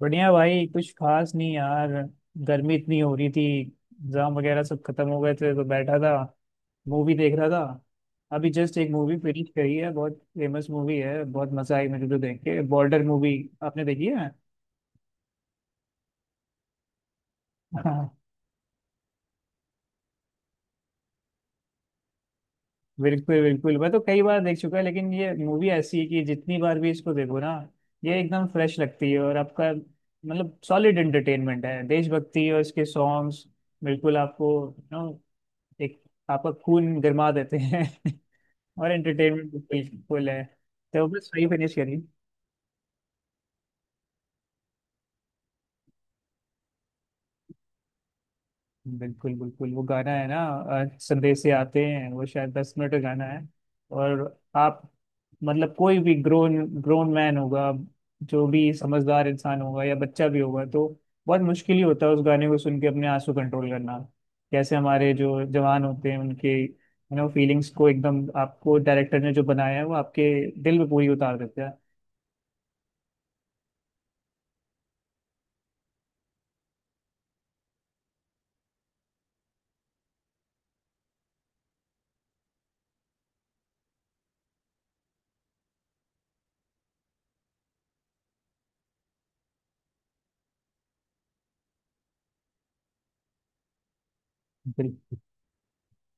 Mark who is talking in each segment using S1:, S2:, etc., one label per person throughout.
S1: बढ़िया भाई। कुछ खास नहीं यार। गर्मी इतनी हो रही थी, एग्जाम वगैरह सब खत्म हो गए थे तो बैठा था, मूवी देख रहा था। अभी जस्ट एक मूवी फिनिश करी है। बहुत फेमस मूवी है, बहुत मजा आई मुझे तो देख के। Border movie. आपने देखी है? हाँ। बिल्कुल बिल्कुल, मैं तो कई बार देख चुका है, लेकिन ये मूवी ऐसी है कि जितनी बार भी इसको देखो ना, ये एकदम फ्रेश लगती है। और आपका मतलब सॉलिड एंटरटेनमेंट है, देशभक्ति और इसके सॉन्ग्स बिल्कुल आपको, यू नो, एक आपका खून गरमा देते हैं और एंटरटेनमेंट भी पेज फुल है। तो बस वही फिनिश करिए। बिल्कुल बिल्कुल। वो गाना है ना, संदेश से आते हैं, वो शायद 10 मिनट का गाना है। और आप मतलब कोई भी ग्रोन ग्रोन मैन होगा, जो भी समझदार इंसान होगा या बच्चा भी होगा, तो बहुत मुश्किल ही होता है उस गाने को सुन के अपने आंसू कंट्रोल करना। कैसे हमारे जो जवान होते हैं उनके, यू नो, फीलिंग्स को एकदम आपको डायरेक्टर ने जो बनाया है, वो आपके दिल में पूरी उतार देता है।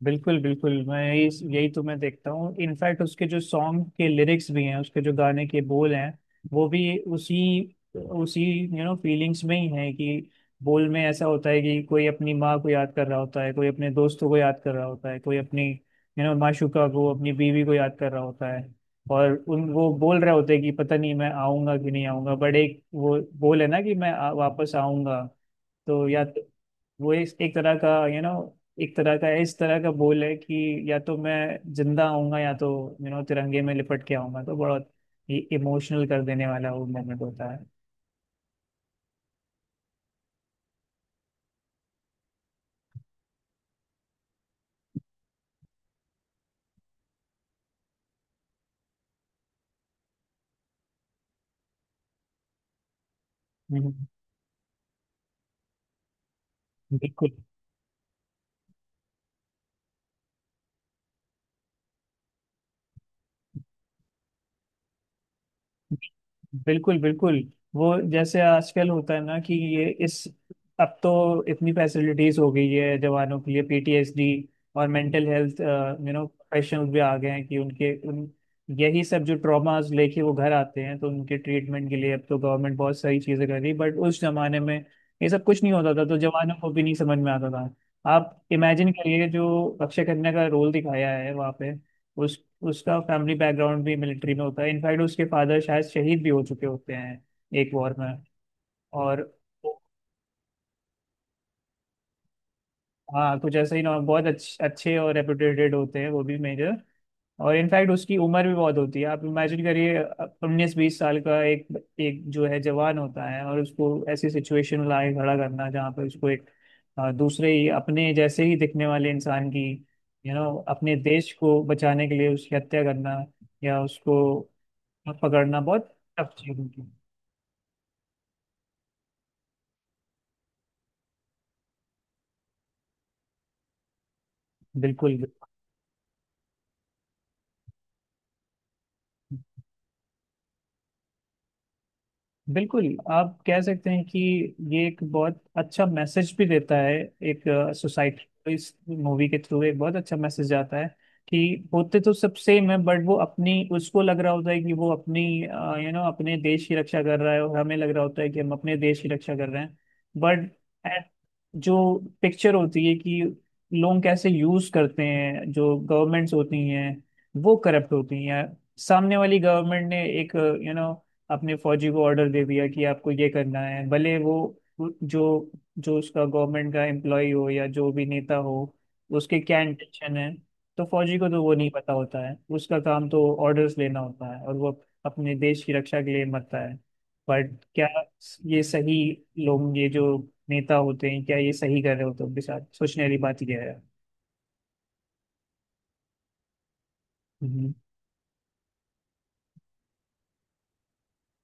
S1: बिल्कुल बिल्कुल। मैं यही यही तो मैं देखता हूँ। इनफैक्ट उसके जो सॉन्ग के लिरिक्स भी हैं, उसके जो गाने के बोल हैं, वो भी उसी उसी, यू नो, फीलिंग्स में ही हैं। कि बोल में ऐसा होता है कि कोई अपनी माँ को याद कर रहा होता है, कोई अपने दोस्तों को याद कर रहा होता है, कोई अपनी, यू नो, माशूका को, अपनी बीवी को याद कर रहा होता है। और उन वो बोल रहे होते हैं कि पता नहीं मैं आऊंगा कि नहीं आऊंगा, बट एक वो बोल है ना, कि मैं वापस आऊंगा। तो या तो वो एक तरह का, यू नो, एक तरह का इस तरह का बोल है कि या तो मैं जिंदा आऊंगा, या तो, यू नो, तिरंगे में लिपट के आऊंगा, तो बहुत इमोशनल कर देने वाला वो मोमेंट होता है। हम्म। बिल्कुल बिल्कुल। बिल्कुल वो जैसे आजकल होता है ना कि ये इस अब तो इतनी फैसिलिटीज हो गई है जवानों के लिए, पीटीएसडी और mental health, you know, professionals भी आ गए हैं, कि उनके उन यही सब जो ट्रॉमास लेके वो घर आते हैं तो उनके ट्रीटमेंट के लिए अब तो गवर्नमेंट बहुत सारी चीजें कर रही है। बट उस जमाने में ये सब कुछ नहीं होता था तो जवानों को भी नहीं समझ में आता था। आप इमेजिन करिए जो अक्षय खन्ना का रोल दिखाया है वहाँ पे, उस उसका फैमिली बैकग्राउंड भी मिलिट्री में होता है। इनफैक्ट उसके फादर शायद शहीद भी हो चुके होते हैं एक वॉर में। और हाँ, कुछ ऐसे ही ना, बहुत अच्छे अच्छे और रेपुटेटेड होते हैं वो भी मेजर। और इनफैक्ट उसकी उम्र भी बहुत होती है, आप इमेजिन करिए, 19-20 साल का एक एक जो है जवान होता है, और उसको ऐसी सिचुएशन में लाके खड़ा करना जहाँ पर उसको एक दूसरे ही, अपने जैसे ही दिखने वाले इंसान की, यू you नो know, अपने देश को बचाने के लिए उसकी हत्या करना या उसको और पकड़ना बहुत टफ चीज होती है। बिल्कुल बिल्कुल। बिल्कुल आप कह सकते हैं कि ये एक बहुत अच्छा मैसेज भी देता है। एक सोसाइटी को इस मूवी के थ्रू एक बहुत अच्छा मैसेज जाता है कि होते तो सब सेम है, बट वो अपनी उसको लग रहा होता है कि वो अपनी, यू नो, अपने देश की रक्षा कर रहा है, और हमें लग रहा होता है कि हम अपने देश की रक्षा कर रहे हैं। बट जो पिक्चर होती है कि लोग कैसे यूज करते हैं, जो गवर्नमेंट्स होती हैं वो करप्ट होती हैं। सामने वाली गवर्नमेंट ने एक, यू नो, अपने फौजी को ऑर्डर दे दिया कि आपको ये करना है, भले वो जो जो उसका गवर्नमेंट का एम्प्लॉय हो या जो भी नेता हो, उसके क्या इंटेंशन है। तो फौजी को तो वो नहीं पता होता है, उसका काम तो ऑर्डर्स लेना होता है, और वो अपने देश की रक्षा के लिए मरता है। बट क्या ये सही, लोग ये जो नेता होते हैं क्या ये सही कर रहे होते हैं उनके साथ, सोचने वाली बात यह है।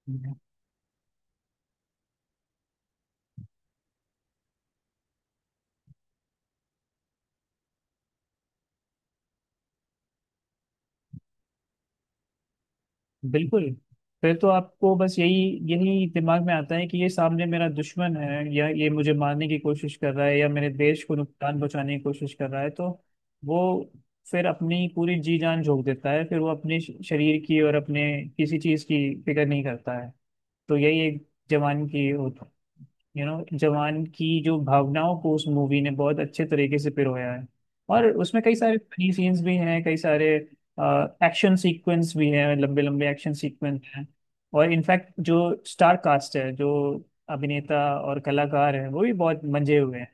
S1: हम्म। बिल्कुल। फिर तो आपको बस यही यही दिमाग में आता है कि ये सामने मेरा दुश्मन है, या ये मुझे मारने की कोशिश कर रहा है, या मेरे देश को नुकसान पहुंचाने की कोशिश कर रहा है, तो वो फिर अपनी पूरी जी जान झोंक देता है। फिर वो अपने शरीर की और अपने किसी चीज की फिक्र नहीं करता है। तो यही एक जवान की, यू नो, जवान की जो भावनाओं को उस मूवी ने बहुत अच्छे तरीके से पिरोया है। और उसमें कई सारे फनी सीन्स भी हैं, कई सारे एक्शन सीक्वेंस भी हैं, लंबे लंबे एक्शन सीक्वेंस हैं। और इनफैक्ट जो स्टार कास्ट है, जो अभिनेता और कलाकार है वो भी बहुत मंजे हुए हैं।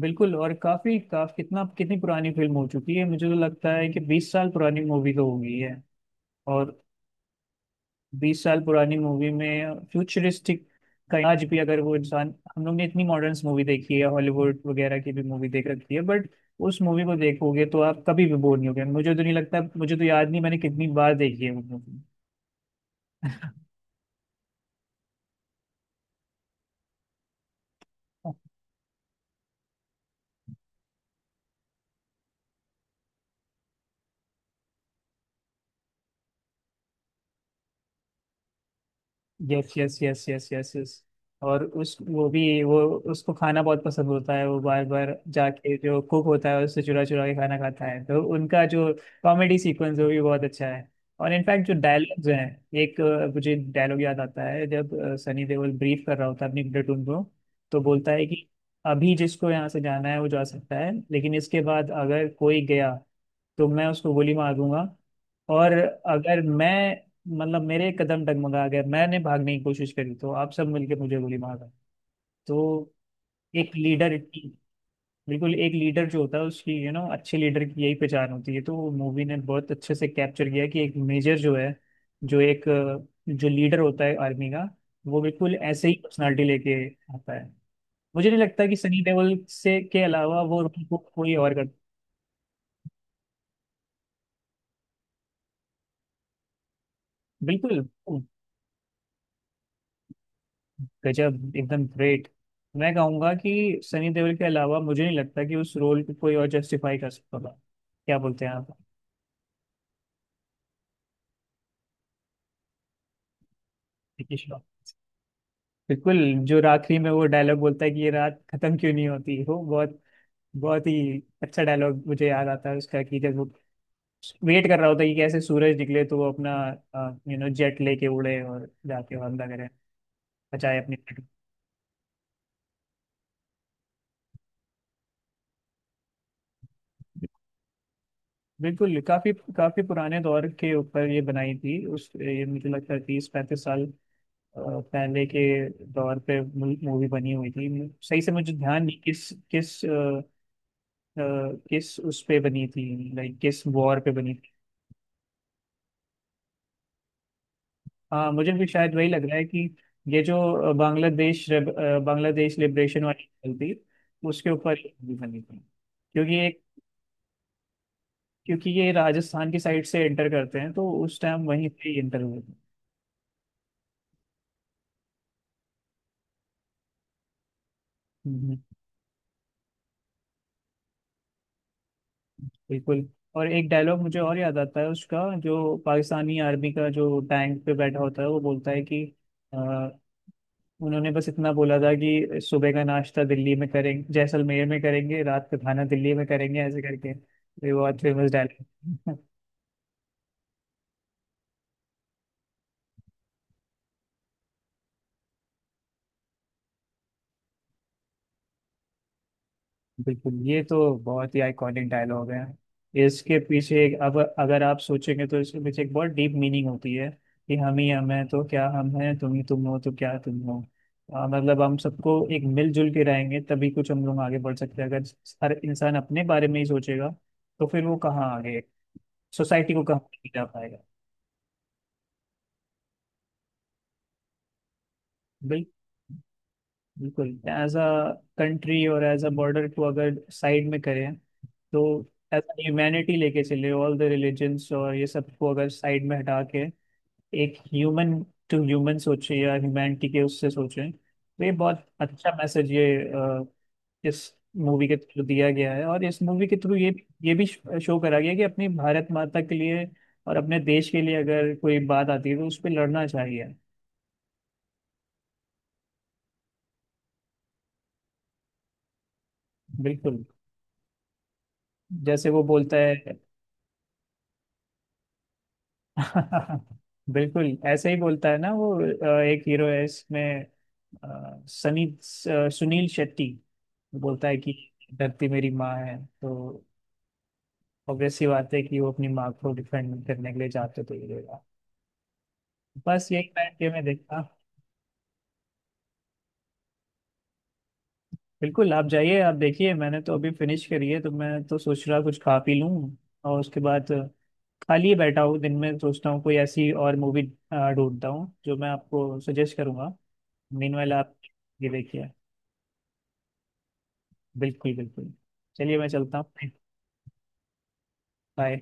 S1: बिल्कुल। और काफी काफ कितना कितनी पुरानी फिल्म हो चुकी है, मुझे तो लगता है कि 20 साल पुरानी मूवी तो हो गई है। और 20 साल पुरानी मूवी में फ्यूचरिस्टिक का आज भी, अगर वो इंसान, हम लोग ने इतनी मॉडर्न मूवी देखी है, हॉलीवुड वगैरह की भी मूवी देख रखी है, बट उस मूवी को देखोगे तो आप कभी भी बोर नहीं होगे। मुझे तो नहीं लगता, मुझे तो याद नहीं मैंने कितनी बार देखी है वो movie. Yes yes yes yes yes yes. और उस वो भी वो उसको खाना बहुत पसंद होता है। वो बार बार जाके जो कुक होता है उससे चुरा चुरा के खाना खाता है, तो उनका जो कॉमेडी सीक्वेंस है वो भी बहुत अच्छा है। और इनफैक्ट जो डायलॉग्स हैं, एक मुझे डायलॉग याद आता है जब सनी देओल ब्रीफ कर रहा होता है अपनी प्लेटून को, तो बोलता है कि अभी जिसको यहाँ से जाना है वो जा सकता है, लेकिन इसके बाद अगर कोई गया तो मैं उसको गोली मार दूंगा। और अगर मैं, मतलब मेरे कदम डगमगा गए, मैंने भागने की कोशिश करी, तो आप सब मिलके मुझे गोली मारा। तो एक लीडर, बिल्कुल एक लीडर जो होता है उसकी, यू नो, अच्छे लीडर की यही पहचान होती है। तो मूवी ने बहुत अच्छे से कैप्चर किया कि एक मेजर जो है, जो एक जो लीडर होता है आर्मी का, वो बिल्कुल ऐसे ही पर्सनालिटी लेके आता है। मुझे नहीं लगता कि सनी देओल से के अलावा वो रोल को कोई और कर। बिल्कुल, गजब, एकदम ग्रेट। मैं कहूंगा कि सनी देओल के अलावा मुझे नहीं लगता कि उस रोल को कोई और जस्टिफाई कर सकता था। क्या बोलते हैं आप? विकी श्रॉफ। बिल्कुल। जो आखिरी में वो डायलॉग बोलता है कि ये रात खत्म क्यों नहीं होती, वो बहुत, बहुत ही अच्छा डायलॉग मुझे याद आता है उसका। कि जब वो वेट कर रहा होता है कि कैसे सूरज निकले, तो वो अपना, यू नो, जेट लेके उड़े और जाके हमला करें, बचाए अपनी पीठ। बिल्कुल। काफी काफी पुराने दौर के ऊपर ये बनाई थी, उस ये मुझे लगता है 30-35 साल अ, पहले के दौर पे मूवी बनी हुई थी। सही से मुझे ध्यान नहीं किस किस अ, किस उस पे बनी थी, लाइक किस वॉर पे बनी थी। हाँ मुझे भी शायद वही लग रहा है कि ये जो बांग्लादेश लिबरेशन वाली battle थी उसके ऊपर ये movie बनी थी, क्योंकि ये राजस्थान की साइड से एंटर करते हैं, तो उस टाइम वहीं पे एंटर हुए थे। हम्म, हम्म। बिल्कुल। और एक डायलॉग मुझे और याद आता है उसका, जो पाकिस्तानी आर्मी का जो टैंक पे बैठा होता है वो बोलता है कि अ, उन्होंने बस इतना बोला था कि सुबह का नाश्ता दिल्ली में करेंगे, जैसलमेर में करेंगे, रात का खाना दिल्ली में करेंगे, ऐसे करके। ये बहुत फेमस डायलॉग। बिल्कुल ये तो बहुत ही आइकॉनिक डायलॉग है। इसके पीछे एक, अब अगर आप सोचेंगे, तो इसके पीछे एक बहुत डीप मीनिंग होती है कि हम ही हम हैं तो क्या हम हैं, तुम ही तुम हो तो क्या तुम हो। मतलब हम सबको एक मिलजुल के रहेंगे तभी कुछ हम लोग आगे बढ़ सकते हैं। अगर हर इंसान अपने बारे में ही सोचेगा, तो फिर वो कहाँ आगे, सोसाइटी को कहाँ आगे जा पाएगा। बिल बिल्कुल एज अ कंट्री, और एज अ बॉर्डर को अगर साइड में करें, तो एज ह्यूमैनिटी लेके चले, ऑल द रिलीजन्स और ये सब को अगर साइड में हटा के, एक ह्यूमन टू ह्यूमन सोचे या ह्यूमैनिटी के उससे सोचें, तो ये बहुत अच्छा मैसेज ये अ, इस मूवी के थ्रू दिया गया है। और इस मूवी के थ्रू ये भी शो करा गया कि अपनी भारत माता के लिए और अपने देश के लिए अगर कोई बात आती है तो उस पर लड़ना चाहिए। बिल्कुल। जैसे वो बोलता है बिल्कुल ऐसे ही बोलता है ना वो। एक हीरो है इसमें, सुनील शेट्टी, वो बोलता है कि धरती मेरी माँ है। तो ऑब्वियस सी बात है कि वो अपनी माँ को डिफेंड करने के लिए जाते तो हीरो। बस यही बैठ के मैं देखता। बिल्कुल आप जाइए, आप देखिए। मैंने तो अभी फिनिश करी है, तो मैं तो सोच रहा कुछ खा पी लूँ। और उसके बाद खाली ही बैठा हूँ दिन में, सोचता हूँ कोई ऐसी और मूवी ढूंढता हूँ जो मैं आपको सजेस्ट करूंगा। मीनवाइल आप ये देखिए। बिल्कुल बिल्कुल। चलिए मैं चलता हूँ। बाय।